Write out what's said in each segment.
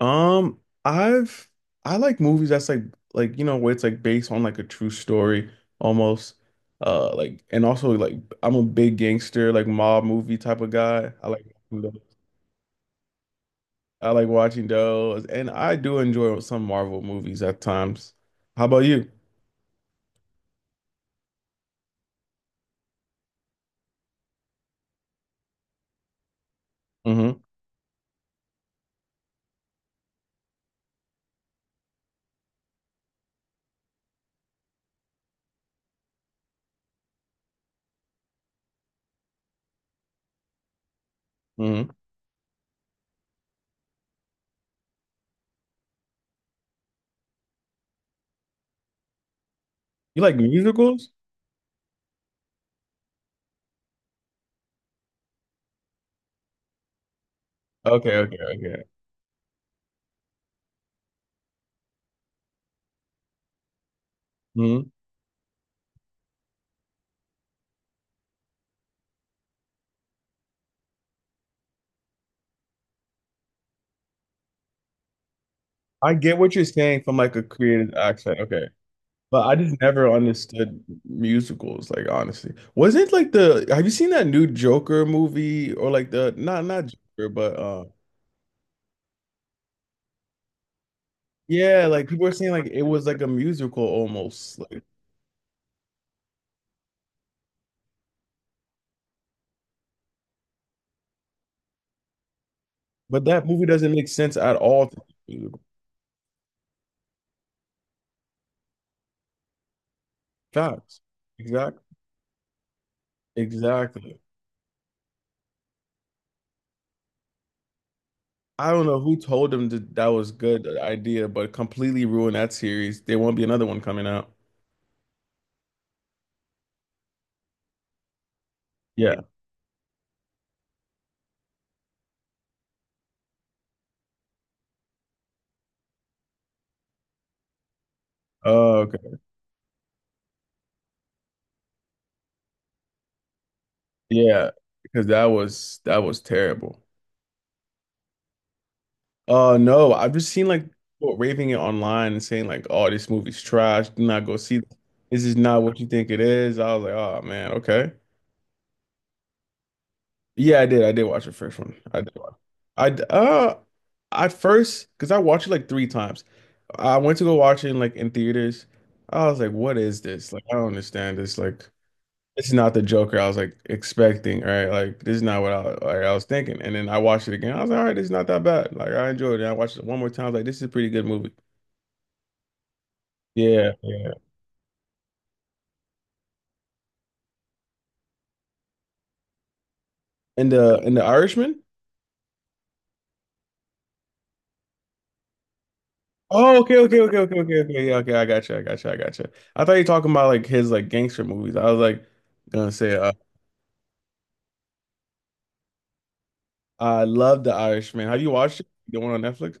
Um, I've I like movies that's like you know where it's like based on like a true story almost. Like and also like I'm a big gangster like mob movie type of guy. I like watching those, and I do enjoy some Marvel movies at times. How about you? Mm-hmm. Mm-hmm. You like musicals? Okay, okay, okay. Hmm. I get what you're saying from like a creative accent. Okay. But I just never understood musicals, like honestly. Was it like the have you seen that new Joker movie or like the not Joker, but yeah, like people were saying like it was like a musical almost. Like but that movie doesn't make sense at all to be a musical. Facts. Exactly. Exactly. I don't know who told them that that was good idea, but completely ruined that series. There won't be another one coming out. Yeah. Oh, okay. Yeah. Because that was terrible. No, I've just seen like people raving it online and saying like, "Oh, this movie's trash. Do not go see this. This is not what you think it is." I was like, "Oh man, okay." Yeah, I did. I did watch the first one. I did watch. I d- uh, at first, because I watched it like three times. I went to go watch it in, like in theaters. I was like, "What is this? Like, I don't understand this. Like, this is not the Joker I was like expecting, right? Like, this is not what I like I was thinking." And then I watched it again. I was like, "All right, it's not that bad. Like, I enjoyed it." And I watched it one more time. I was like, "This is a pretty good movie." Yeah, yeah. And the Irishman? Oh, okay, okay, okay, okay, okay, okay. Yeah, okay, I got you, I got you, I got you. I thought you were talking about like his like gangster movies. I was like gonna say, I love The Irishman. Have you watched it? The one on Netflix?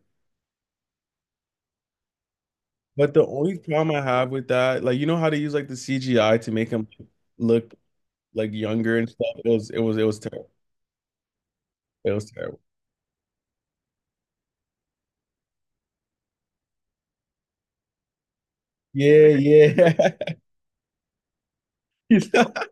But the only problem I have with that, like you know how they use like the CGI to make him look like younger and stuff. It was terrible. It was terrible. Yeah, yeah.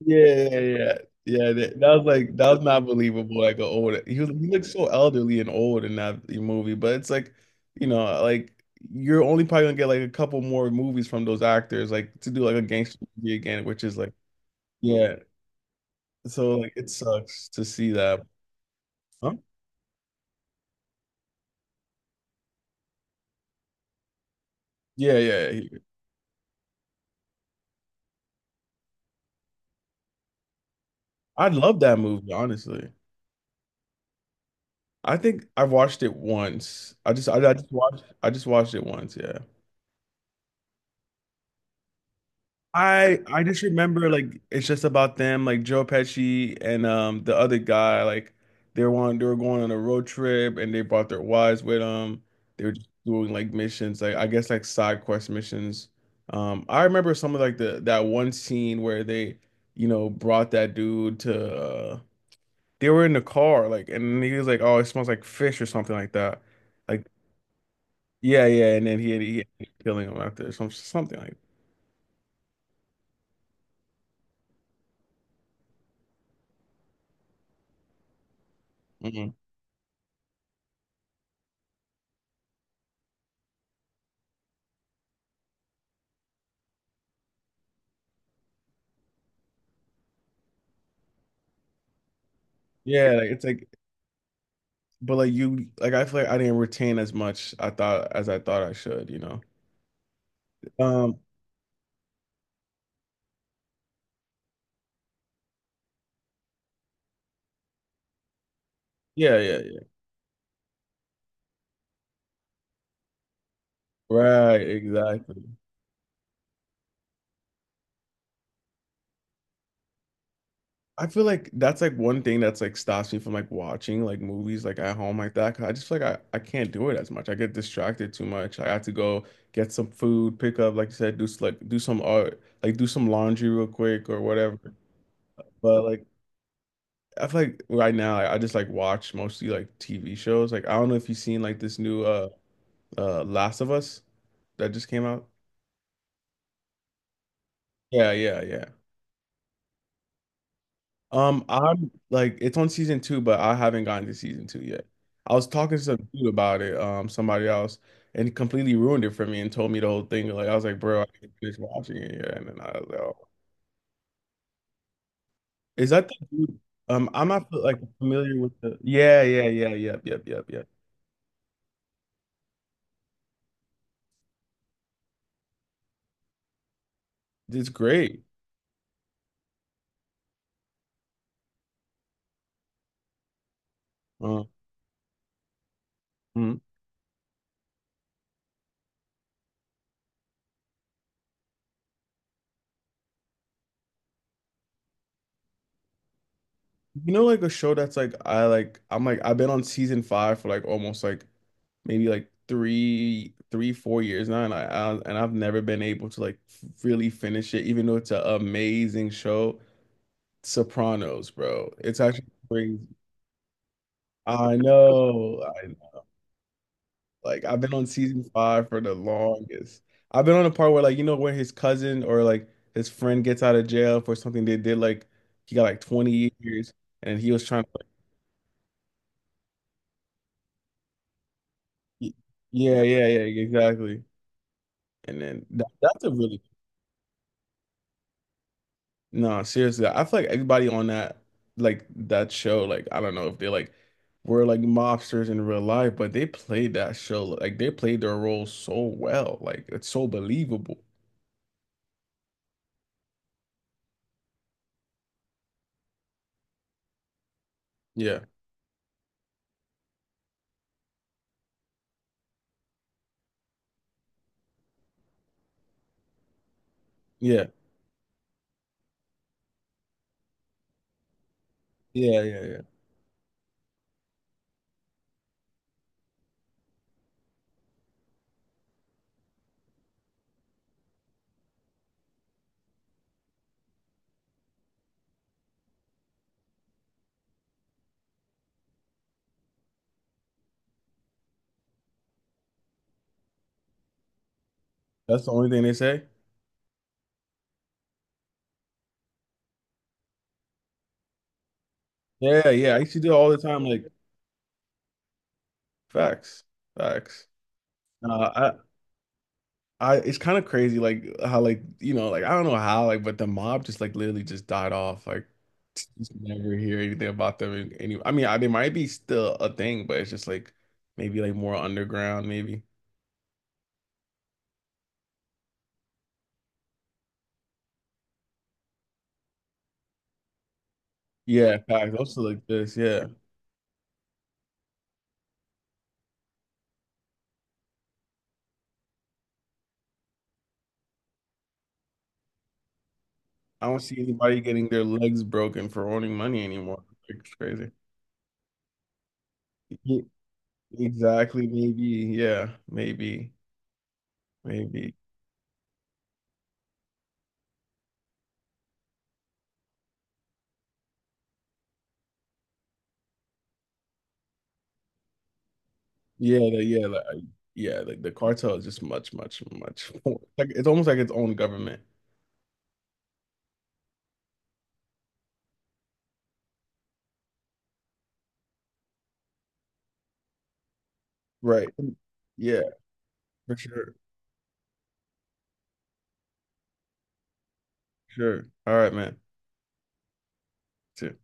Yeah, yeah, yeah. Yeah, that was like that was not believable. Like an old, he looked so elderly and old in that movie. But it's like, like you're only probably gonna get like a couple more movies from those actors, like to do like a gangster movie again, which is like, yeah. So like it sucks to see that. Huh? Yeah, yeah. Yeah. I love that movie, honestly. I think I watched it once. I just watched it once. Yeah. I just remember like it's just about them like Joe Pesci and the other guy like they were going on a road trip and they brought their wives with them. They were just doing like missions like I guess like side quest missions. I remember some of like the that one scene where they brought that dude to they were in the car like and he was like oh it smells like fish or something like that. Like yeah yeah and then he had killing him after something like. Mhm. Yeah like it's like but like you like I feel like I didn't retain as much I thought I should, you know. Um yeah, yeah, yeah. Right, exactly. I feel like that's like one thing that's like stops me from like watching like movies like at home like that 'cause I just feel like I can't do it as much. I get distracted too much. I have to go get some food, pick up like you said, like do some art, like do some laundry real quick or whatever. But like I feel like right now I just like watch mostly like TV shows. Like I don't know if you've seen like this new Last of Us that just came out? Yeah, yeah, yeah. I'm like it's on season two, but I haven't gotten to season two yet. I was talking to some dude about it, somebody else, and he completely ruined it for me and told me the whole thing. Like I was like, bro, I can't finish watching it yet. And then I was like, oh. Is that the dude? I'm not like familiar with the. Yeah, yeah, yeah, yep, yep, yep, yep. It's great. Um, You know, like a show that's like I'm like I've been on season five for like almost like maybe like three four years now, and I've never been able to like really finish it, even though it's an amazing show. Sopranos, bro, it's actually crazy. I know, I know. Like I've been on season five for the longest. I've been on the part where like you know when his cousin or like his friend gets out of jail for something they did like he got like 20 years and he was trying to Y- Yeah, yeah, yeah, exactly. And then that's a really no, seriously. I feel like everybody on that like that show, like I don't know if they like were like mobsters in real life, but they played that show like they played their role so well. Like it's so believable. Yeah. Yeah. Yeah, yeah, yeah. That's the only thing they say. Yeah, yeah. I used to do it all the time, like facts. Facts. Uh, I, I it's kind of crazy like how like you know like I don't know how like but the mob just like literally just died off like just never hear anything about them in any I mean they might be still a thing but it's just like maybe like more underground maybe yeah facts also like this yeah I don't see anybody getting their legs broken for owning money anymore. Like, it's crazy. Ye- exactly maybe yeah maybe maybe yeah yeah like the cartel is just much much much more like it's almost like its own government. Right. Yeah, for sure. Sure. All right, man. Too.